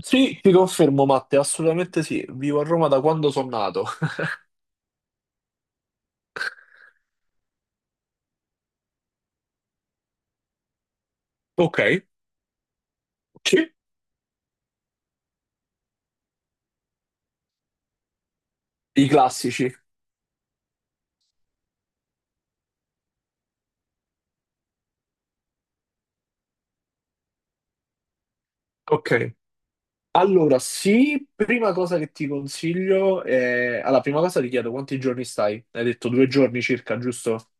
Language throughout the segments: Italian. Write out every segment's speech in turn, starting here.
Sì, ti confermo, Matte, assolutamente sì. Vivo a Roma da quando sono nato. Ok, sì, I classici. Ok. Allora, sì, prima cosa che ti consiglio è... Allora, prima cosa ti chiedo quanti giorni stai? Hai detto due giorni circa, giusto?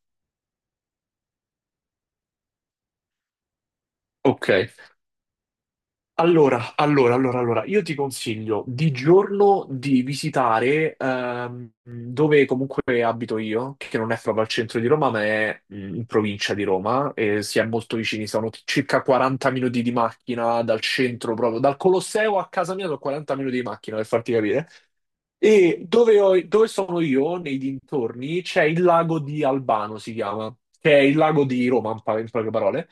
Ok, allora, io ti consiglio di giorno di visitare dove comunque abito io, che non è proprio al centro di Roma, ma è in provincia di Roma, e si è molto vicini, sono circa 40 minuti di macchina dal centro, proprio dal Colosseo a casa mia sono 40 minuti di macchina, per farti capire. E dove, dove sono io, nei dintorni, c'è il lago di Albano, si chiama, che è il lago di Roma, in poche parole.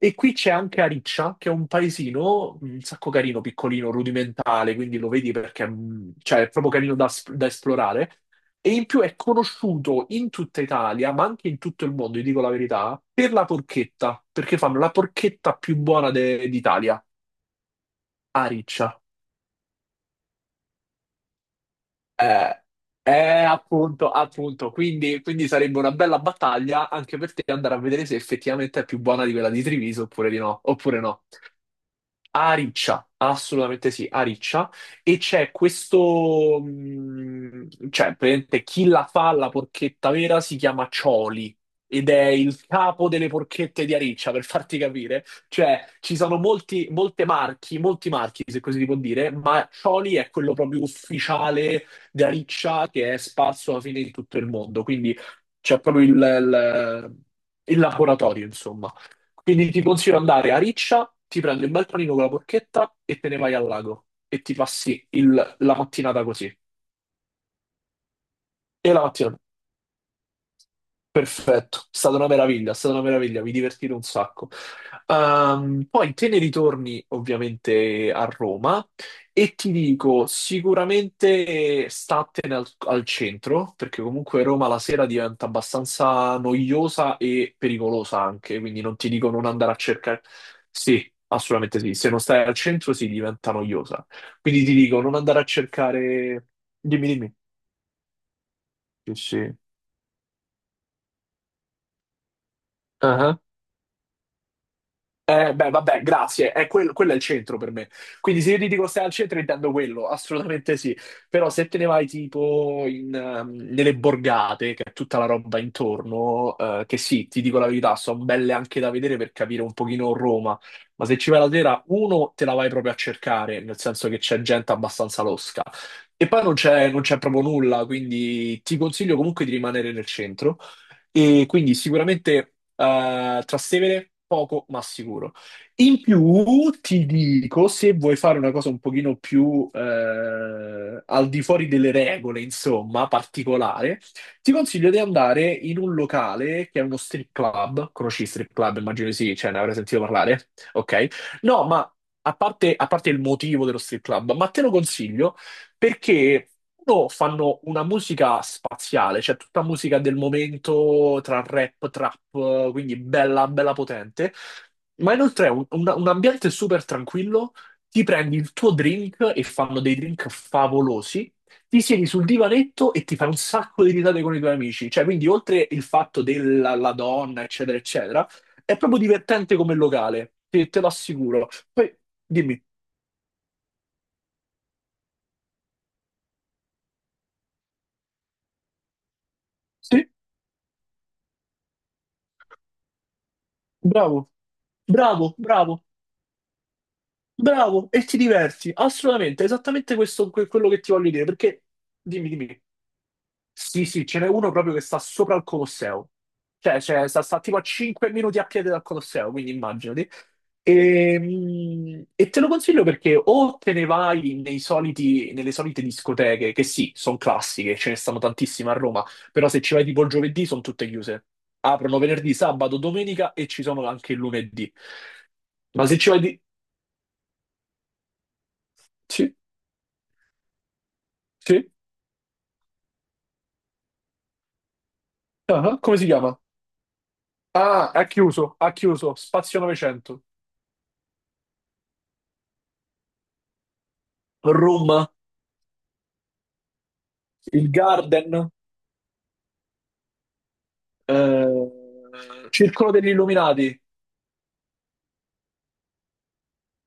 E qui c'è anche Ariccia, che è un paesino un sacco carino, piccolino, rudimentale, quindi lo vedi perché cioè, è proprio carino da, da esplorare. E in più è conosciuto in tutta Italia, ma anche in tutto il mondo, vi dico la verità, per la porchetta, perché fanno la porchetta più buona d'Italia, Ariccia. Eh, eh, appunto, appunto. Quindi, sarebbe una bella battaglia anche per te andare a vedere se effettivamente è più buona di quella di Treviso oppure di no, oppure no. A Riccia, assolutamente sì, a Riccia. E c'è questo, cioè, praticamente chi la fa la porchetta vera si chiama Cioli ed è il capo delle porchette di Ariccia, per farti capire. Cioè, ci sono molti, molte marchi, molti marchi, se così si può dire, ma Cioli è quello proprio ufficiale di Ariccia che è sparso alla fine in tutto il mondo. Quindi c'è proprio il il laboratorio, insomma. Quindi ti consiglio di andare a Riccia, ti prendi un bel panino con la porchetta e te ne vai al lago e ti passi la mattinata così. E la mattinata perfetto, è stata una meraviglia, è stata una meraviglia, mi divertite un sacco. Poi te ne ritorni ovviamente a Roma e ti dico sicuramente statene al centro, perché comunque Roma la sera diventa abbastanza noiosa e pericolosa anche, quindi non ti dico non andare a cercare. Sì, assolutamente sì, se non stai al centro si diventa noiosa. Quindi ti dico non andare a cercare. Dimmi, dimmi. Sì, sì. Beh, vabbè, grazie. È quello è il centro per me. Quindi se io ti dico stai al centro, intendo quello, assolutamente sì. Però se te ne vai tipo in, nelle borgate, che è tutta la roba intorno, che sì, ti dico la verità, sono belle anche da vedere per capire un pochino Roma. Ma se ci vai la sera, uno, te la vai proprio a cercare, nel senso che c'è gente abbastanza losca. E poi non c'è proprio nulla, quindi ti consiglio comunque di rimanere nel centro. E quindi sicuramente Trastevere poco ma sicuro. In più ti dico, se vuoi fare una cosa un pochino più al di fuori delle regole, insomma, particolare, ti consiglio di andare in un locale che è uno strip club. Conosci i strip club? Immagino di sì, cioè ne avrai sentito parlare. Ok? No, ma a parte il motivo dello strip club, ma te lo consiglio perché loro fanno una musica spaziale, cioè tutta musica del momento tra rap, trap, quindi bella, bella potente. Ma inoltre è un un ambiente super tranquillo, ti prendi il tuo drink e fanno dei drink favolosi, ti siedi sul divanetto e ti fai un sacco di risate con i tuoi amici. Cioè, quindi oltre il fatto della la donna, eccetera, eccetera, è proprio divertente come locale, te, te lo assicuro. Poi dimmi, sì, bravo. Bravo, bravo. Bravo, e ti diverti, assolutamente, esattamente questo, quello che ti voglio dire, perché dimmi, dimmi. Sì, sì, ce n'è uno proprio che sta sopra il Colosseo, cioè, sta tipo a 5 minuti a piedi dal Colosseo, quindi immaginati. E, e te lo consiglio perché o te ne vai nei nelle solite discoteche, che sì, sono classiche, ce ne stanno tantissime a Roma, però se ci vai tipo il giovedì sono tutte chiuse. Aprono venerdì, sabato, domenica e ci sono anche il lunedì. Ma se ci vai di... Sì, sì. Ah, come si chiama? Ah, ha chiuso, ha chiuso. Spazio 900. Room, il Garden, eh, Circolo degli Illuminati.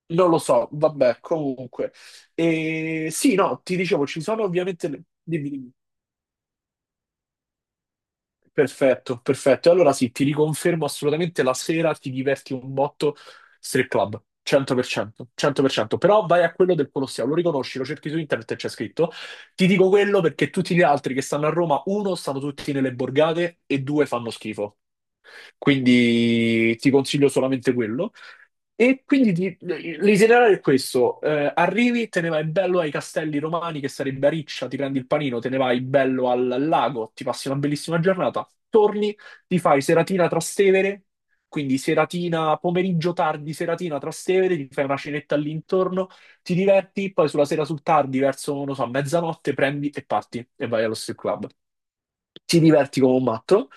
Non lo so, vabbè, comunque. E, sì, no, ti dicevo, ci sono ovviamente... le- Dimmi, dimmi. Perfetto, perfetto. E allora sì, ti riconfermo assolutamente la sera ti diverti un botto strip club, 100%, 100%. Però vai a quello del Colosseo, lo riconosci, lo cerchi su internet e c'è scritto. Ti dico quello perché tutti gli altri che stanno a Roma, uno, stanno tutti nelle borgate e due, fanno schifo. Quindi ti consiglio solamente quello. E quindi l'itinerario è questo: eh, arrivi, te ne vai bello ai Castelli Romani, che sarebbe a Riccia, ti prendi il panino, te ne vai bello al lago, ti passi una bellissima giornata, torni, ti fai seratina Trastevere, quindi seratina, pomeriggio tardi, seratina Trastevere, ti fai una cenetta all'intorno, ti diverti, poi sulla sera sul tardi, verso, non so, mezzanotte, prendi e parti e vai allo strip club, ti diverti come un matto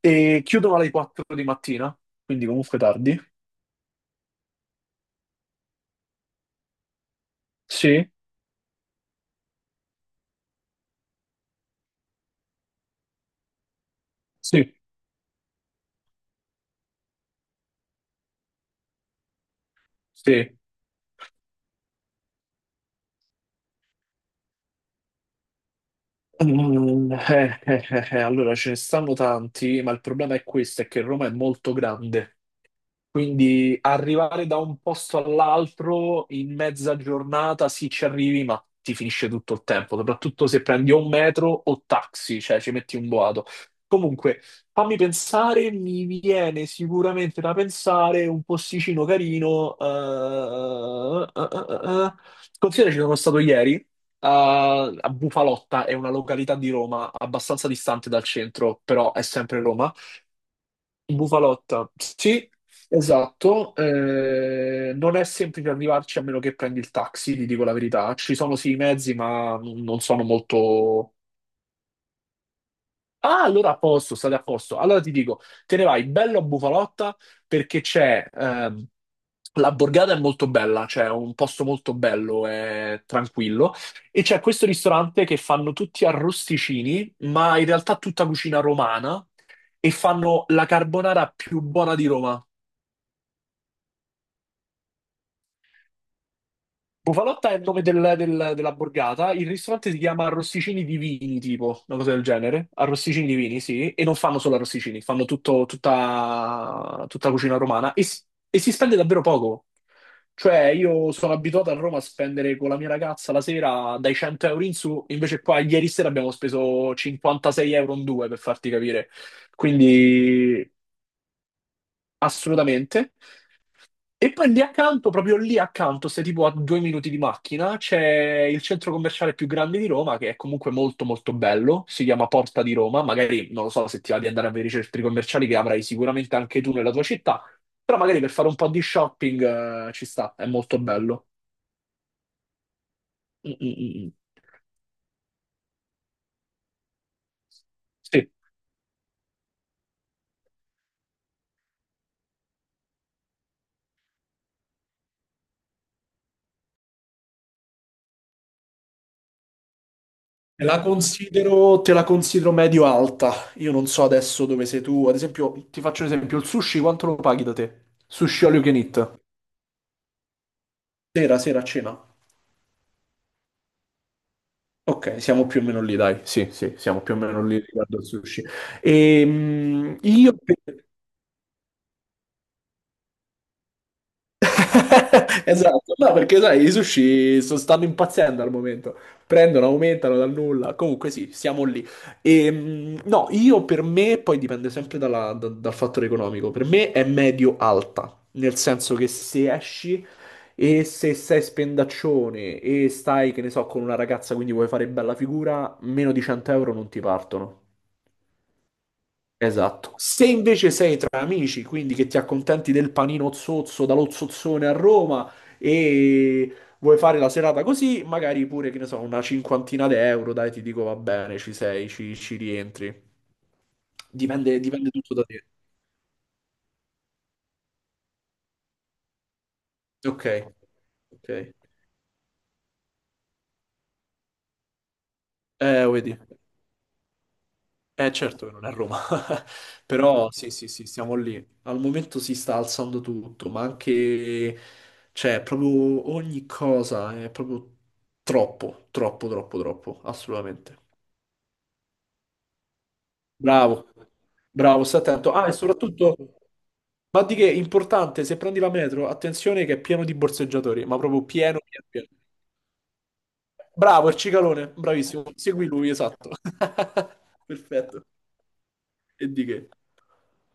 e chiudono alle 4 di mattina, quindi comunque tardi. Sì, sì, sì. Allora ce ne stanno tanti, ma il problema è questo, è che Roma è molto grande. Quindi arrivare da un posto all'altro in mezza giornata, sì, ci arrivi, ma ti finisce tutto il tempo, soprattutto se prendi o un metro o taxi, cioè ci metti un boato. Comunque, fammi pensare, mi viene sicuramente da pensare un posticino carino. Considera ci sono stato ieri a Bufalotta, è una località di Roma abbastanza distante dal centro, però è sempre Roma. Bufalotta, sì, esatto. Eh, non è semplice arrivarci a meno che prendi il taxi, ti dico la verità. Ci sono sì i mezzi, ma non sono molto. Ah, allora a posto, state a posto. Allora ti dico, te ne vai bello a Bufalotta perché c'è. La borgata è molto bella, cioè è un posto molto bello e tranquillo. E c'è questo ristorante che fanno tutti arrosticini, ma in realtà tutta cucina romana. E fanno la carbonara più buona di Roma. Bufalotta è il nome della borgata, il ristorante si chiama Arrosticini di Vini, tipo, una cosa del genere. Arrosticini di Vini, sì, e non fanno solo arrosticini, fanno tutta, tutta cucina romana e si spende davvero poco. Cioè, io sono abituato a Roma a spendere con la mia ragazza la sera dai 100 euro in su, invece qua ieri sera abbiamo speso 56 euro in due, per farti capire. Quindi, assolutamente. E poi lì accanto, proprio lì accanto, sei tipo a due minuti di macchina, c'è il centro commerciale più grande di Roma, che è comunque molto molto bello, si chiama Porta di Roma, magari non lo so se ti va di andare a vedere i centri commerciali che avrai sicuramente anche tu nella tua città, però magari per fare un po' di shopping, ci sta, è molto bello. Mm, mm, mm, mm. Sì. Te la considero medio-alta. Io non so adesso dove sei tu. Ad esempio, ti faccio un esempio, il sushi quanto lo paghi da te? Sushi all you can eat. Sera, sera, cena. Ok, siamo più o meno lì, dai. Sì, sì, siamo più o meno lì riguardo al sushi. Io... Esatto, no, perché sai, i sushi stanno impazzendo al momento. Prendono, aumentano dal nulla. Comunque sì, siamo lì. No, io per me, poi dipende sempre dal fattore economico, per me è medio-alta, nel senso che se esci e se sei spendaccione e stai, che ne so, con una ragazza, quindi vuoi fare bella figura, meno di 100 euro non ti partono. Esatto. Se invece sei tra amici, quindi che ti accontenti del panino zozzo dallo zozzone a Roma e vuoi fare la serata così, magari pure, che ne so, una cinquantina di euro, dai, ti dico va bene, ci sei, ci rientri. Dipende, dipende tutto da te. Ok, ok. Vedi. Eh certo che non è Roma, però sì sì sì, siamo lì. Al momento si sta alzando tutto, ma anche, cioè, proprio ogni cosa è proprio troppo, troppo, troppo, troppo, assolutamente. Bravo, bravo, stai attento. Ah, e soprattutto, ma di che, importante, se prendi la metro, attenzione che è pieno di borseggiatori, ma proprio pieno, pieno, pieno. Bravo, il cicalone, bravissimo, segui lui, esatto. Perfetto, e di che.